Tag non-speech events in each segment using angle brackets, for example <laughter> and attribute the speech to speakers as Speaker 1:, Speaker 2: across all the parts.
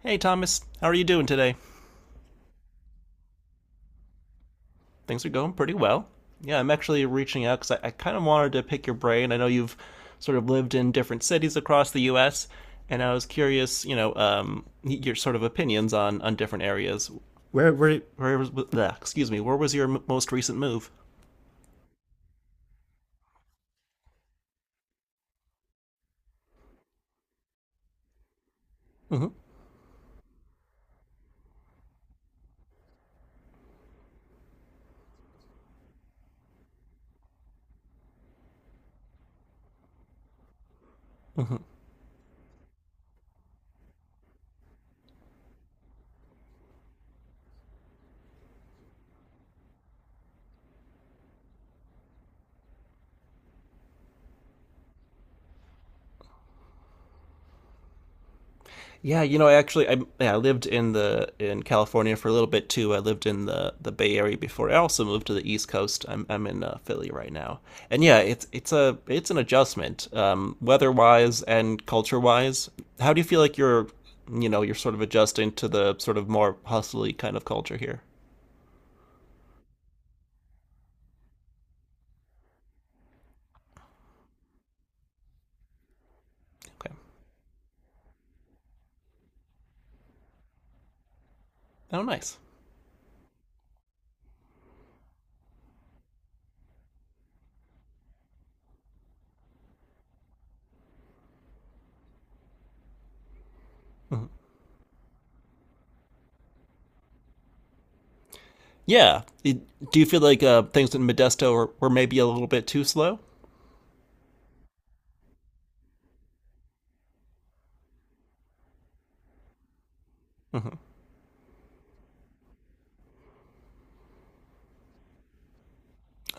Speaker 1: Hey, Thomas, how are you doing today? Things are going pretty well. Yeah, I'm actually reaching out because I kind of wanted to pick your brain. I know you've sort of lived in different cities across the U.S., and I was curious, your sort of opinions on different areas. Excuse me. Where was your most recent move? Hmm hmm Yeah, you know, yeah, I lived in the in California for a little bit too. I lived in the Bay Area before. I also moved to the East Coast. I'm in Philly right now, and yeah, it's a it's an adjustment, weather wise and culture wise. How do you feel like you're you know you're sort of adjusting to the sort of more hustly kind of culture here? Okay, oh nice. Mhm. Yeah, It- do you feel like things in Modesto were maybe a little bit too slow? Hmm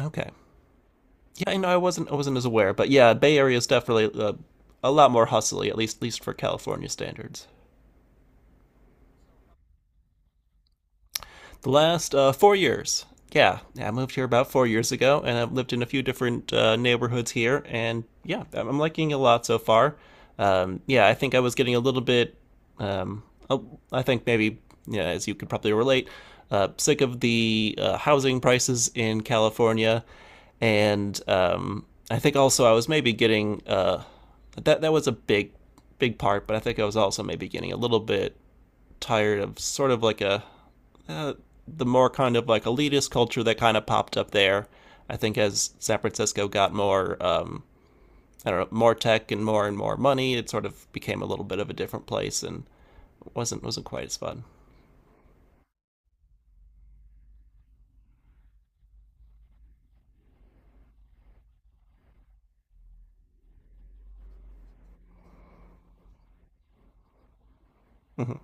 Speaker 1: Okay. Yeah, I know I wasn't as aware, but yeah, Bay Area is definitely a lot more hustly, at least for California standards. The last 4 years. Yeah, yeah, I moved here about 4 years ago, and I've lived in a few different neighborhoods here, and yeah, I'm liking it a lot so far. Yeah, I think I was getting a little bit, um, oh, I think maybe, yeah, as you could probably relate, sick of the housing prices in California, and I think also I was maybe getting that was a big part, but I think I was also maybe getting a little bit tired of sort of like a uh, the more kind of like elitist culture that kind of popped up there. I think as San Francisco got more, I don't know, more tech and more money, it sort of became a little bit of a different place and wasn't quite as fun. Hmm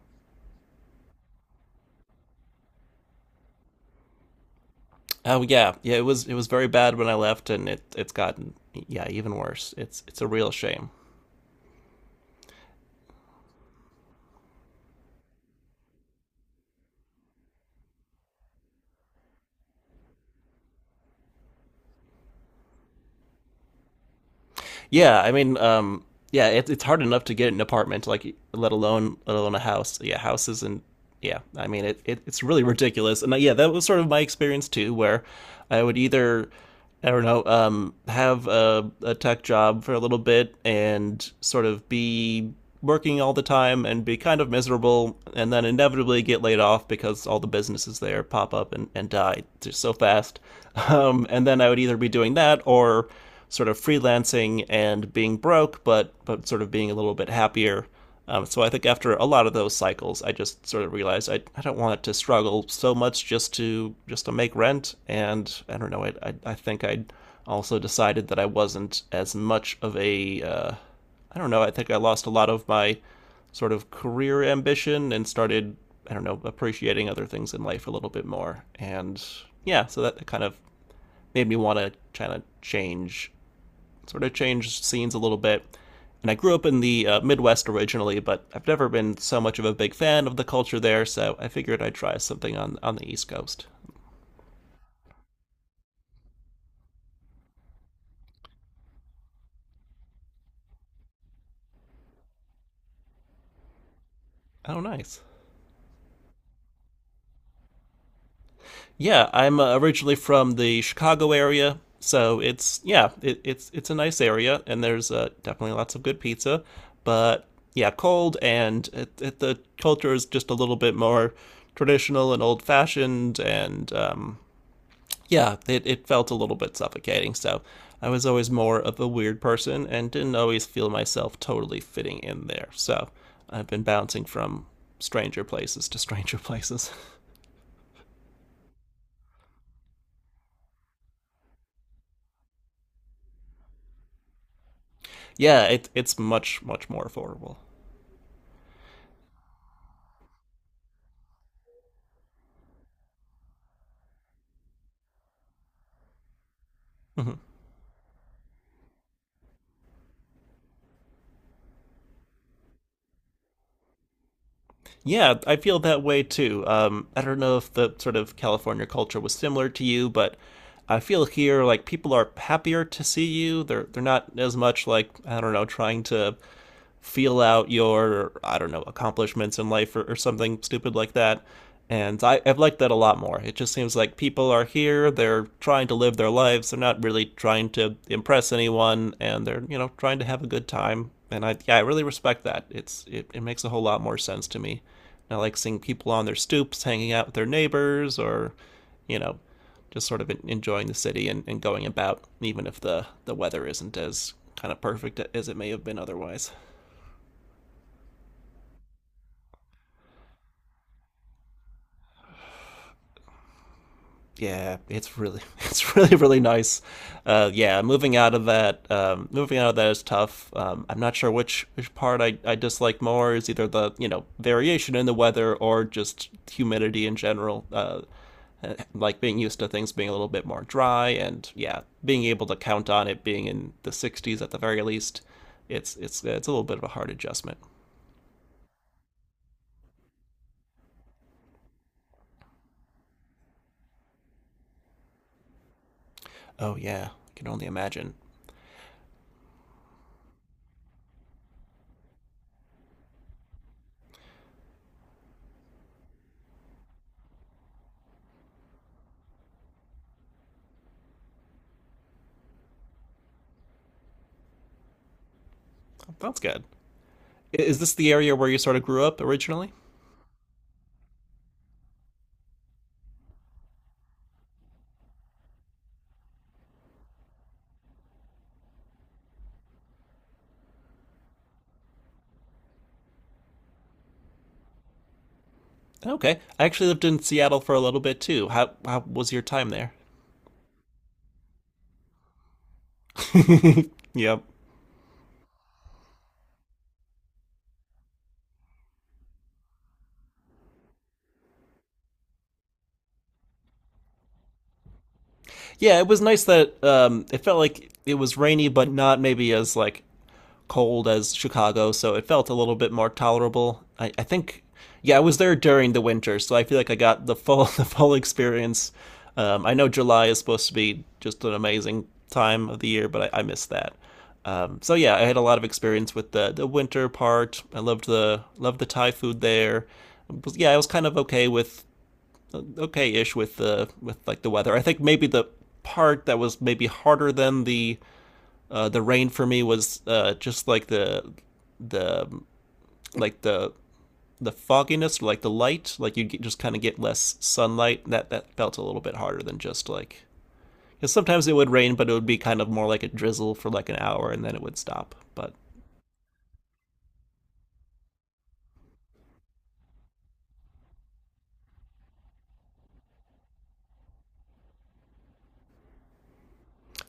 Speaker 1: Oh yeah, yeah. It was very bad when I left, and it's gotten yeah even worse. It's a real shame. Yeah, I mean, yeah, it, it's hard enough to get an apartment, like let alone a house. Yeah, houses and yeah, I mean, it's really ridiculous. And yeah, that was sort of my experience too, where I would either I don't know, have a tech job for a little bit and sort of be working all the time and be kind of miserable and then inevitably get laid off because all the businesses there pop up and die just so fast. <laughs> And then I would either be doing that or sort of freelancing and being broke, but sort of being a little bit happier. So I think after a lot of those cycles, I just sort of realized I don't want to struggle so much just to make rent. And I don't know. I think I also decided that I wasn't as much of a I don't know. I think I lost a lot of my sort of career ambition and started I don't know appreciating other things in life a little bit more. And yeah, so that kind of made me want to kind of change sort of changed scenes a little bit. And I grew up in the Midwest originally, but I've never been so much of a big fan of the culture there, so I figured I'd try something on the East Coast. Oh, nice. Yeah, I'm originally from the Chicago area, so it's yeah, it's a nice area, and there's definitely lots of good pizza, but yeah, cold and the culture is just a little bit more traditional and old fashioned, and yeah, it felt a little bit suffocating. So I was always more of a weird person and didn't always feel myself totally fitting in there. So I've been bouncing from stranger places to stranger places. <laughs> Yeah, it, it's much, much more affordable. Hmm Yeah, I feel that way too. I don't know if the sort of California culture was similar to you, but I feel here like people are happier to see you. They're not as much like I don't know trying to feel out your I don't know accomplishments in life or something stupid like that. And I've liked that a lot more. It just seems like people are here. They're trying to live their lives. They're not really trying to impress anyone, and they're you know trying to have a good time and I yeah I really respect that. It makes a whole lot more sense to me. And I like seeing people on their stoops hanging out with their neighbors, or you know, just sort of enjoying the city and going about, even if the weather isn't as kind of perfect as it may have been otherwise. Yeah, it's really <laughs> it's really really nice. Yeah, moving out of that moving out of that is tough. I'm not sure which part I dislike more is either the you know variation in the weather or just humidity in general. <laughs> Like being used to things being a little bit more dry and yeah, being able to count on it being in the 60s at the very least. It's it's a little bit of a hard adjustment. Oh yeah, I can only imagine. That's good. Is this the area where you sort of grew up originally? Okay. I actually lived in Seattle for a little bit too. How was your time there? Yep. Yeah, it was nice that it felt like it was rainy, but not maybe as like cold as Chicago, so it felt a little bit more tolerable. I think, yeah, I was there during the winter, so I feel like I got the <laughs> full the full experience. I know July is supposed to be just an amazing time of the year, but I missed that. So yeah, I had a lot of experience with the winter part. I loved the Thai food there. Yeah, I was kind of okay-ish with the with like the weather. I think maybe the part that was maybe harder than the rain for me was just like the like the the fogginess, like the light, like you just kind of get less sunlight. That that felt a little bit harder than just like because sometimes it would rain, but it would be kind of more like a drizzle for like an hour and then it would stop. But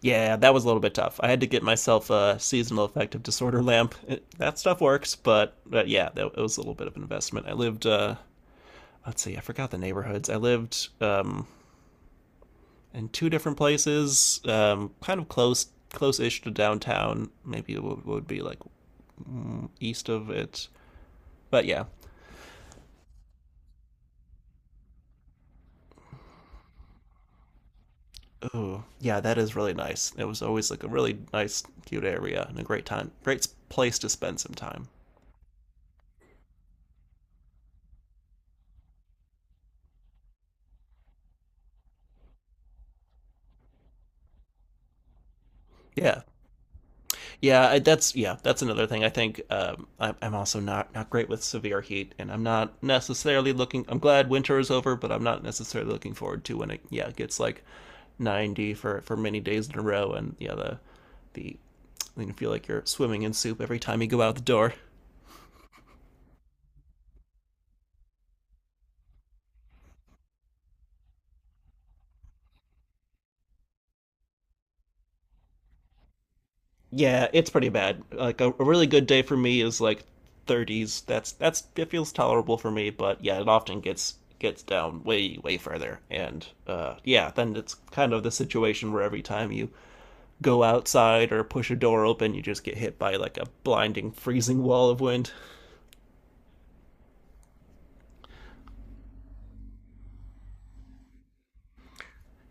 Speaker 1: yeah, that was a little bit tough. I had to get myself a seasonal affective disorder lamp. That stuff works, but yeah, it was a little bit of an investment. I lived let's see, I forgot the neighborhoods. I lived in two different places, kind of close-ish to downtown. Maybe it would be like east of it, but yeah. Oh, yeah, that is really nice. It was always like a really nice, cute area and a great place to spend some time. Yeah, yeah, I- that's yeah, that's another thing. I think I'm also not great with severe heat, and I'm not necessarily looking. I'm glad winter is over, but I'm not necessarily looking forward to when it yeah it gets like 90 for many days in a row, and yeah the you feel like you're swimming in soup every time you go out the door. Yeah, it's pretty bad. Like a really good day for me is like 30s. That's it feels tolerable for me, but yeah, it often gets down way further. And yeah, then it's kind of the situation where every time you go outside or push a door open, you just get hit by like a blinding freezing wall of wind.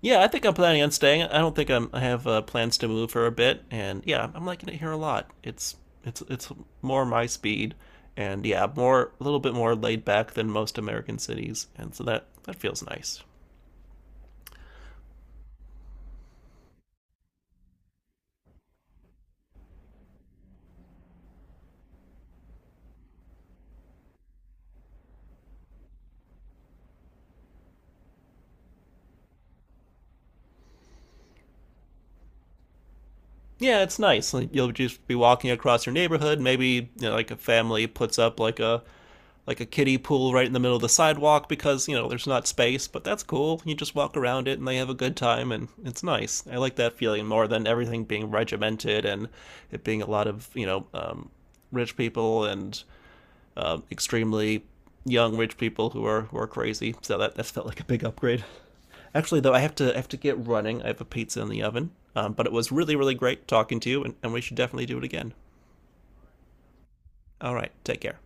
Speaker 1: Yeah, I think I'm planning on staying. I don't think I'm, I have plans to move for a bit, and yeah, I'm liking it here a lot. It's it's more my speed, and yeah, more a little bit more laid back than most American cities, and so that feels nice. Yeah, it's nice. Like you'll just be walking across your neighborhood. Maybe you know, like a family puts up like a kiddie pool right in the middle of the sidewalk because, you know, there's not space, but that's cool. You just walk around it and they have a good time and it's nice. I like that feeling more than everything being regimented and it being a lot of, you know, rich people and extremely young rich people who are crazy. So that felt like a big upgrade. Actually, though, I have to get running. I have a pizza in the oven. But it was really, really great talking to you, and we should definitely do it again. All right, take care.